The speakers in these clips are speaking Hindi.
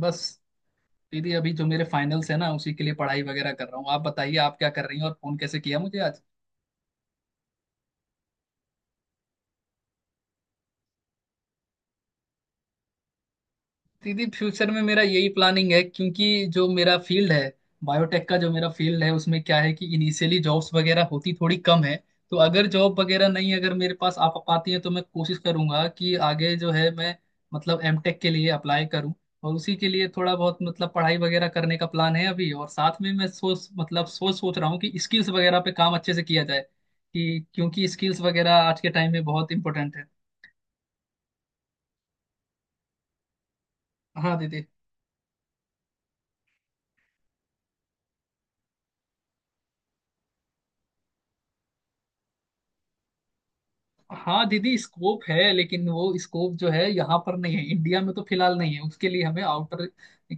बस। दीदी अभी जो मेरे फाइनल्स है ना उसी के लिए पढ़ाई वगैरह कर रहा हूँ। आप बताइए, आप क्या कर रही हैं और फोन कैसे किया मुझे आज? दीदी फ्यूचर में मेरा यही प्लानिंग है क्योंकि जो मेरा फील्ड है, बायोटेक का जो मेरा फील्ड है, उसमें क्या है कि इनिशियली जॉब्स वगैरह होती थोड़ी कम है। तो अगर जॉब वगैरह नहीं अगर मेरे पास आ पाती है तो मैं कोशिश करूंगा कि आगे जो है मैं मतलब एमटेक के लिए अप्लाई करूं। और उसी के लिए थोड़ा बहुत मतलब पढ़ाई वगैरह करने का प्लान है अभी। और साथ में मैं सोच मतलब सोच सोच रहा हूँ कि स्किल्स वगैरह पे काम अच्छे से किया जाए। कि क्योंकि स्किल्स वगैरह आज के टाइम में बहुत इंपॉर्टेंट है। हाँ दीदी। हाँ दीदी स्कोप है, लेकिन वो स्कोप जो है यहाँ पर नहीं है, इंडिया में तो फिलहाल नहीं है। उसके लिए हमें आउटर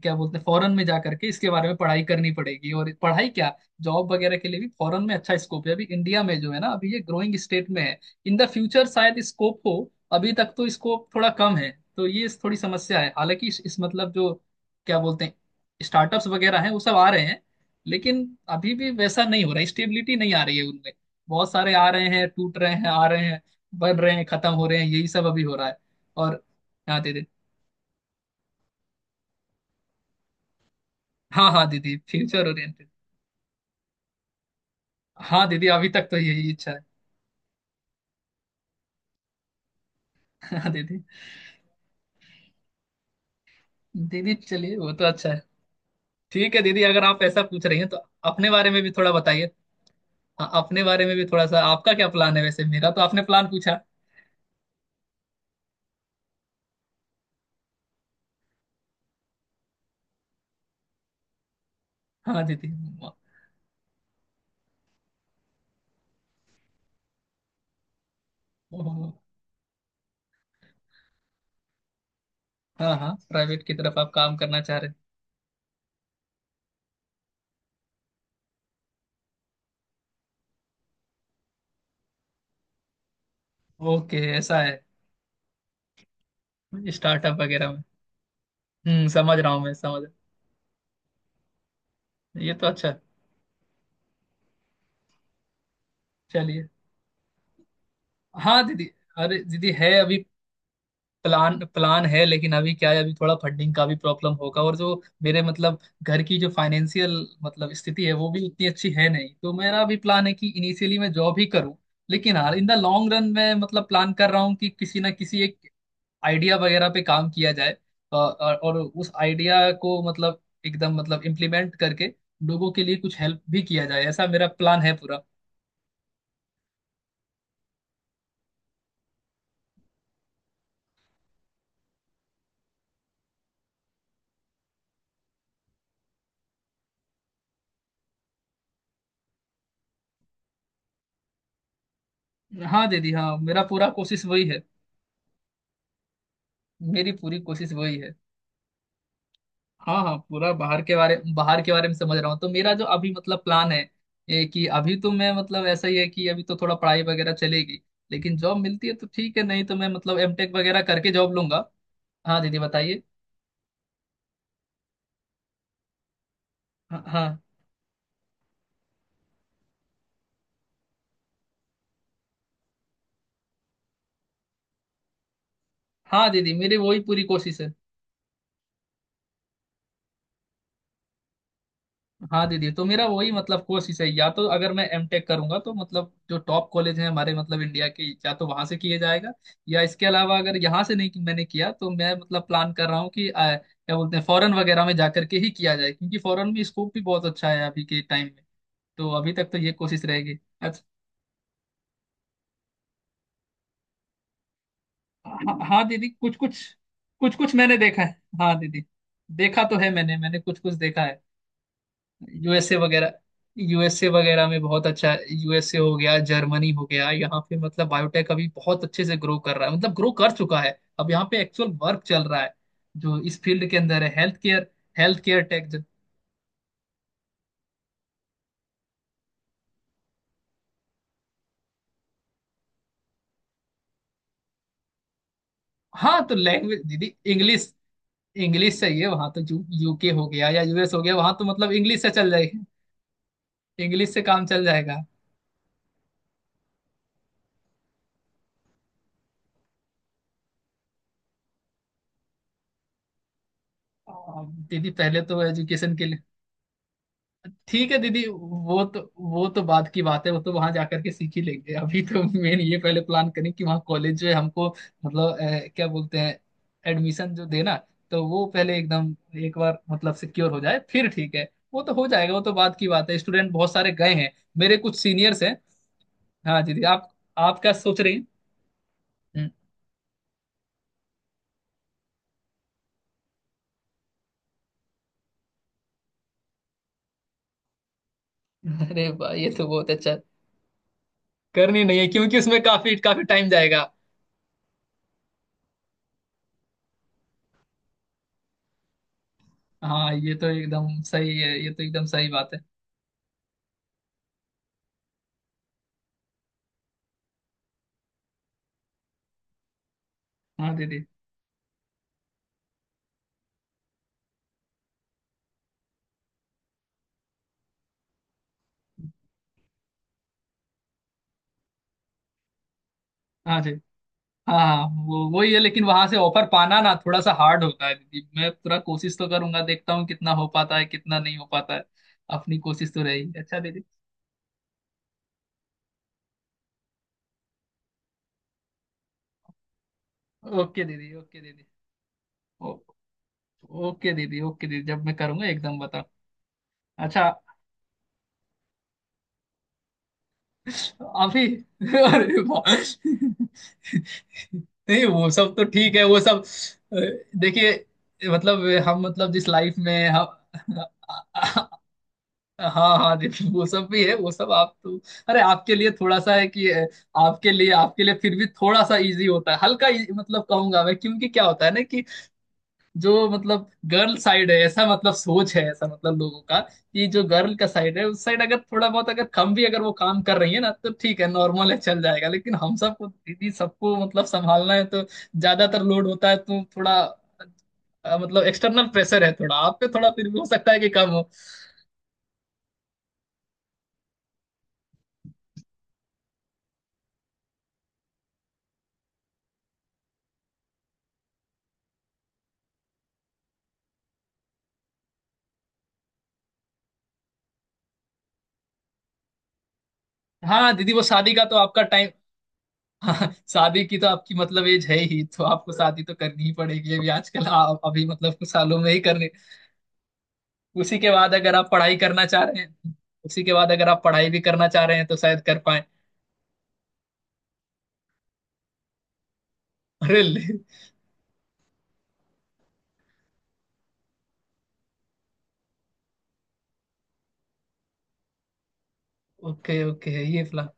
क्या बोलते हैं फॉरेन में जा करके इसके बारे में पढ़ाई करनी पड़ेगी। और पढ़ाई क्या, जॉब वगैरह के लिए भी फॉरेन में अच्छा स्कोप है। अभी इंडिया में जो है ना अभी ये ग्रोइंग स्टेट में है। इन द फ्यूचर शायद स्कोप हो, अभी तक तो स्कोप थोड़ा कम है। तो ये थोड़ी समस्या है। हालांकि इस मतलब जो क्या बोलते हैं स्टार्टअप्स वगैरह हैं वो सब आ रहे हैं। लेकिन अभी भी वैसा नहीं हो रहा, स्टेबिलिटी नहीं आ रही है उनमें। बहुत सारे आ रहे हैं, टूट रहे हैं, आ रहे हैं, बढ़ रहे हैं, खत्म हो रहे हैं, यही सब अभी हो रहा है। और हाँ दीदी। हाँ हाँ दीदी फ्यूचर ओरिएंटेड। हाँ दीदी अभी तक तो यही इच्छा है। हाँ दीदी। दीदी चलिए वो तो अच्छा है। ठीक है दीदी अगर आप ऐसा पूछ रही हैं तो अपने बारे में भी थोड़ा बताइए। हाँ अपने बारे में भी थोड़ा सा आपका क्या प्लान है? वैसे मेरा तो आपने प्लान पूछा। हाँ दीदी। ओह, हाँ हाँ प्राइवेट की तरफ आप काम करना चाह रहे हैं। ओके ऐसा है स्टार्टअप वगैरह में। समझ रहा हूँ, मैं समझ रहा हूँ। ये तो अच्छा है। चलिए। हाँ दीदी। अरे दीदी है अभी प्लान प्लान है। लेकिन अभी क्या है अभी थोड़ा फंडिंग का भी प्रॉब्लम होगा। और जो मेरे मतलब घर की जो फाइनेंशियल मतलब स्थिति है वो भी उतनी अच्छी है नहीं। तो मेरा भी प्लान है कि इनिशियली मैं जॉब ही करूं। लेकिन हाँ इन द लॉन्ग रन मैं मतलब प्लान कर रहा हूँ कि किसी ना किसी एक आइडिया वगैरह पे काम किया जाए। और उस आइडिया को मतलब एकदम मतलब इम्प्लीमेंट करके लोगों के लिए कुछ हेल्प भी किया जाए, ऐसा मेरा प्लान है पूरा। हाँ दीदी हाँ मेरा पूरा कोशिश वही है। मेरी पूरी कोशिश वही है। हाँ हाँ पूरा बाहर के बारे में समझ रहा हूँ। तो मेरा जो अभी मतलब प्लान है ये कि अभी तो मैं मतलब ऐसा ही है कि अभी तो थोड़ा पढ़ाई वगैरह चलेगी। लेकिन जॉब मिलती है तो ठीक है, नहीं तो मैं मतलब एमटेक वगैरह करके जॉब लूंगा। हाँ दीदी बताइए। हाँ हाँ। हाँ दीदी मेरी वही पूरी कोशिश है। हाँ दीदी तो मेरा वही मतलब कोशिश है या तो अगर मैं एमटेक करूंगा तो मतलब जो टॉप कॉलेज हैं हमारे मतलब इंडिया के, या तो वहां से किया जाएगा। या इसके अलावा अगर यहाँ से नहीं मैंने किया तो मैं मतलब प्लान कर रहा हूँ कि क्या बोलते हैं फॉरेन वगैरह में जाकर के ही किया जाए, क्योंकि फॉरेन में स्कोप भी बहुत अच्छा है अभी के टाइम में। तो अभी तक तो ये कोशिश रहेगी। अच्छा। हाँ हाँ दीदी कुछ कुछ कुछ कुछ मैंने देखा है। हाँ दीदी देखा तो है मैंने, मैंने कुछ कुछ देखा है। यूएसए वगैरह। यूएसए वगैरह में बहुत अच्छा, यूएसए हो गया, जर्मनी हो गया। यहाँ पे मतलब बायोटेक अभी बहुत अच्छे से ग्रो कर रहा है, मतलब ग्रो कर चुका है। अब यहाँ पे एक्चुअल वर्क चल रहा है जो इस फील्ड के अंदर है, health care. Health care tech. हाँ तो लैंग्वेज दीदी इंग्लिश। इंग्लिश चाहिए वहां तो, यू यूके हो गया या यूएस हो गया वहां तो मतलब इंग्लिश से चल जाएगी। इंग्लिश से काम चल जाएगा। आ, दीदी पहले तो एजुकेशन के लिए ठीक है दीदी। वो तो बाद की बात है, वो तो वहां जाकर के सीख ही लेंगे। अभी तो मेन ये पहले प्लान करें कि वहाँ कॉलेज जो है हमको मतलब क्या बोलते हैं एडमिशन जो देना, तो वो पहले एकदम एक बार मतलब सिक्योर हो जाए, फिर ठीक है। वो तो हो जाएगा, वो तो बाद की बात है। स्टूडेंट बहुत सारे गए हैं, मेरे कुछ सीनियर्स हैं। हाँ दीदी आप क्या सोच रही हैं? अरे वाह ये तो बहुत अच्छा। करनी नहीं है क्योंकि उसमें काफी काफी टाइम जाएगा। हाँ ये तो एकदम सही है, ये तो एकदम सही बात है। हाँ दीदी। हाँ जी। हाँ। वो वही है लेकिन वहां से ऑफर पाना ना थोड़ा सा हार्ड होता है दीदी। मैं पूरा कोशिश तो करूंगा, देखता हूँ कितना हो पाता है कितना नहीं हो पाता है। अपनी कोशिश तो रहेगी। अच्छा दीदी। ओके दीदी ओके दीदी। ओ, ओके दीदी ओके दीदी जब मैं करूंगा एकदम बताओ। अच्छा अभी अरे वाह। नहीं वो सब तो ठीक है वो सब। अ, देखिए मतलब हम मतलब जिस लाइफ में हम हाँ हाँ जी। तो वो सब भी है वो सब आप तो, अरे आपके लिए थोड़ा सा है कि आपके लिए फिर भी थोड़ा सा इजी होता है, हल्का easy, मतलब कहूंगा मैं। क्योंकि क्या होता है ना कि जो मतलब गर्ल साइड है, ऐसा मतलब सोच है, ऐसा मतलब लोगों का, कि जो गर्ल का साइड है उस साइड अगर थोड़ा बहुत अगर कम भी अगर वो काम कर रही है ना तो ठीक है, नॉर्मल है, चल जाएगा। लेकिन हम सबको दीदी सबको मतलब संभालना है तो ज्यादातर लोड होता है तो थोड़ा मतलब एक्सटर्नल प्रेशर है थोड़ा। आप पे थोड़ा फिर भी हो सकता है कि कम हो। हाँ दीदी वो शादी का तो आपका टाइम, हाँ, शादी की तो आपकी मतलब एज है ही तो आपको शादी तो करनी ही पड़ेगी अभी आजकल, आप अभी मतलब कुछ सालों में ही करनी। उसी के बाद अगर आप पढ़ाई करना चाह रहे हैं, उसी के बाद अगर आप पढ़ाई भी करना चाह रहे हैं तो शायद कर पाए। अरे ले। ओके ओके ये प्लान।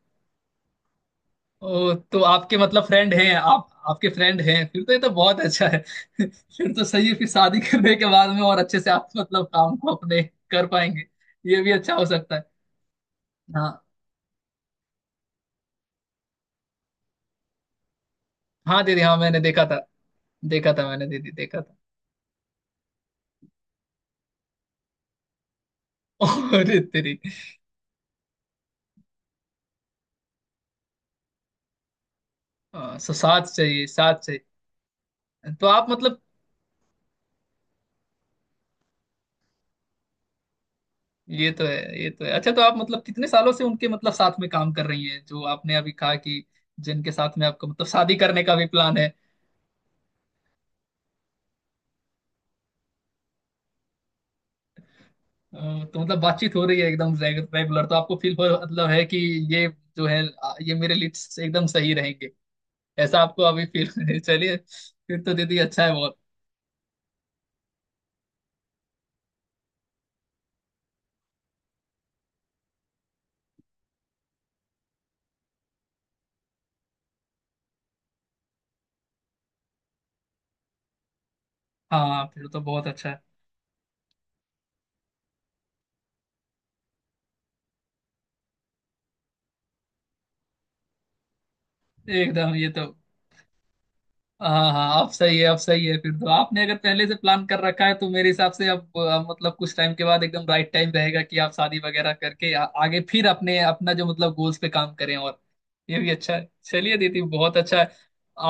ओ तो आपके मतलब फ्रेंड हैं, आप आपके फ्रेंड हैं, फिर तो ये तो बहुत अच्छा है। फिर तो सही है। फिर शादी करने के बाद में और अच्छे से आप मतलब काम को अपने कर पाएंगे। ये भी अच्छा हो सकता है। हाँ हाँ दीदी हाँ मैंने देखा था, देखा था मैंने दीदी, देखा था। अरे तेरी। हाँ, सो साथ चाहिए, साथ चाहिए। तो आप मतलब, ये तो है ये तो है। अच्छा तो आप मतलब कितने सालों से उनके मतलब साथ में काम कर रही हैं, जो आपने अभी कहा कि जिनके साथ में आपका मतलब शादी करने का भी प्लान है? तो मतलब बातचीत हो रही है एकदम रेगुलर, तो आपको फील हो मतलब है कि ये जो है ये मेरे लिए एकदम सही रहेंगे, ऐसा आपको अभी फील चलिए फिर तो दीदी अच्छा है बहुत। हाँ फिर तो बहुत अच्छा है। एकदम ये तो, हाँ हाँ आप सही है आप सही है। फिर तो आपने अगर पहले से प्लान कर रखा है तो मेरे हिसाब से अब मतलब कुछ टाइम के बाद एकदम राइट टाइम रहेगा कि आप शादी वगैरह करके आगे फिर अपने अपना जो मतलब गोल्स पे काम करें। और ये भी अच्छा है। चलिए दीदी बहुत अच्छा है।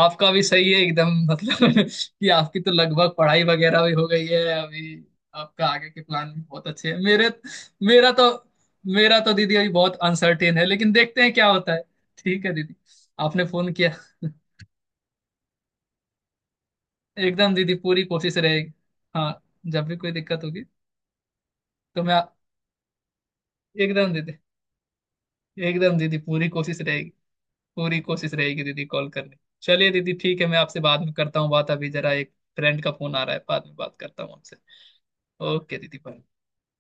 आपका भी सही है एकदम मतलब कि आपकी तो लगभग पढ़ाई वगैरह भी हो गई है अभी। आपका आगे के प्लान भी बहुत अच्छे हैं। मेरे मेरा तो, मेरा तो दीदी अभी बहुत अनसर्टेन है, लेकिन देखते हैं क्या होता है। ठीक है दीदी आपने फोन किया। एकदम दीदी पूरी कोशिश रहेगी। हाँ जब भी कोई दिक्कत होगी तो मैं एकदम दीदी, एकदम दीदी पूरी कोशिश रहेगी। पूरी कोशिश रहेगी दीदी कॉल करने। चलिए दीदी ठीक है, मैं आपसे बाद में करता हूँ बात। अभी जरा एक फ्रेंड का फोन आ रहा है, बाद में बात करता हूँ आपसे। ओके दीदी bye।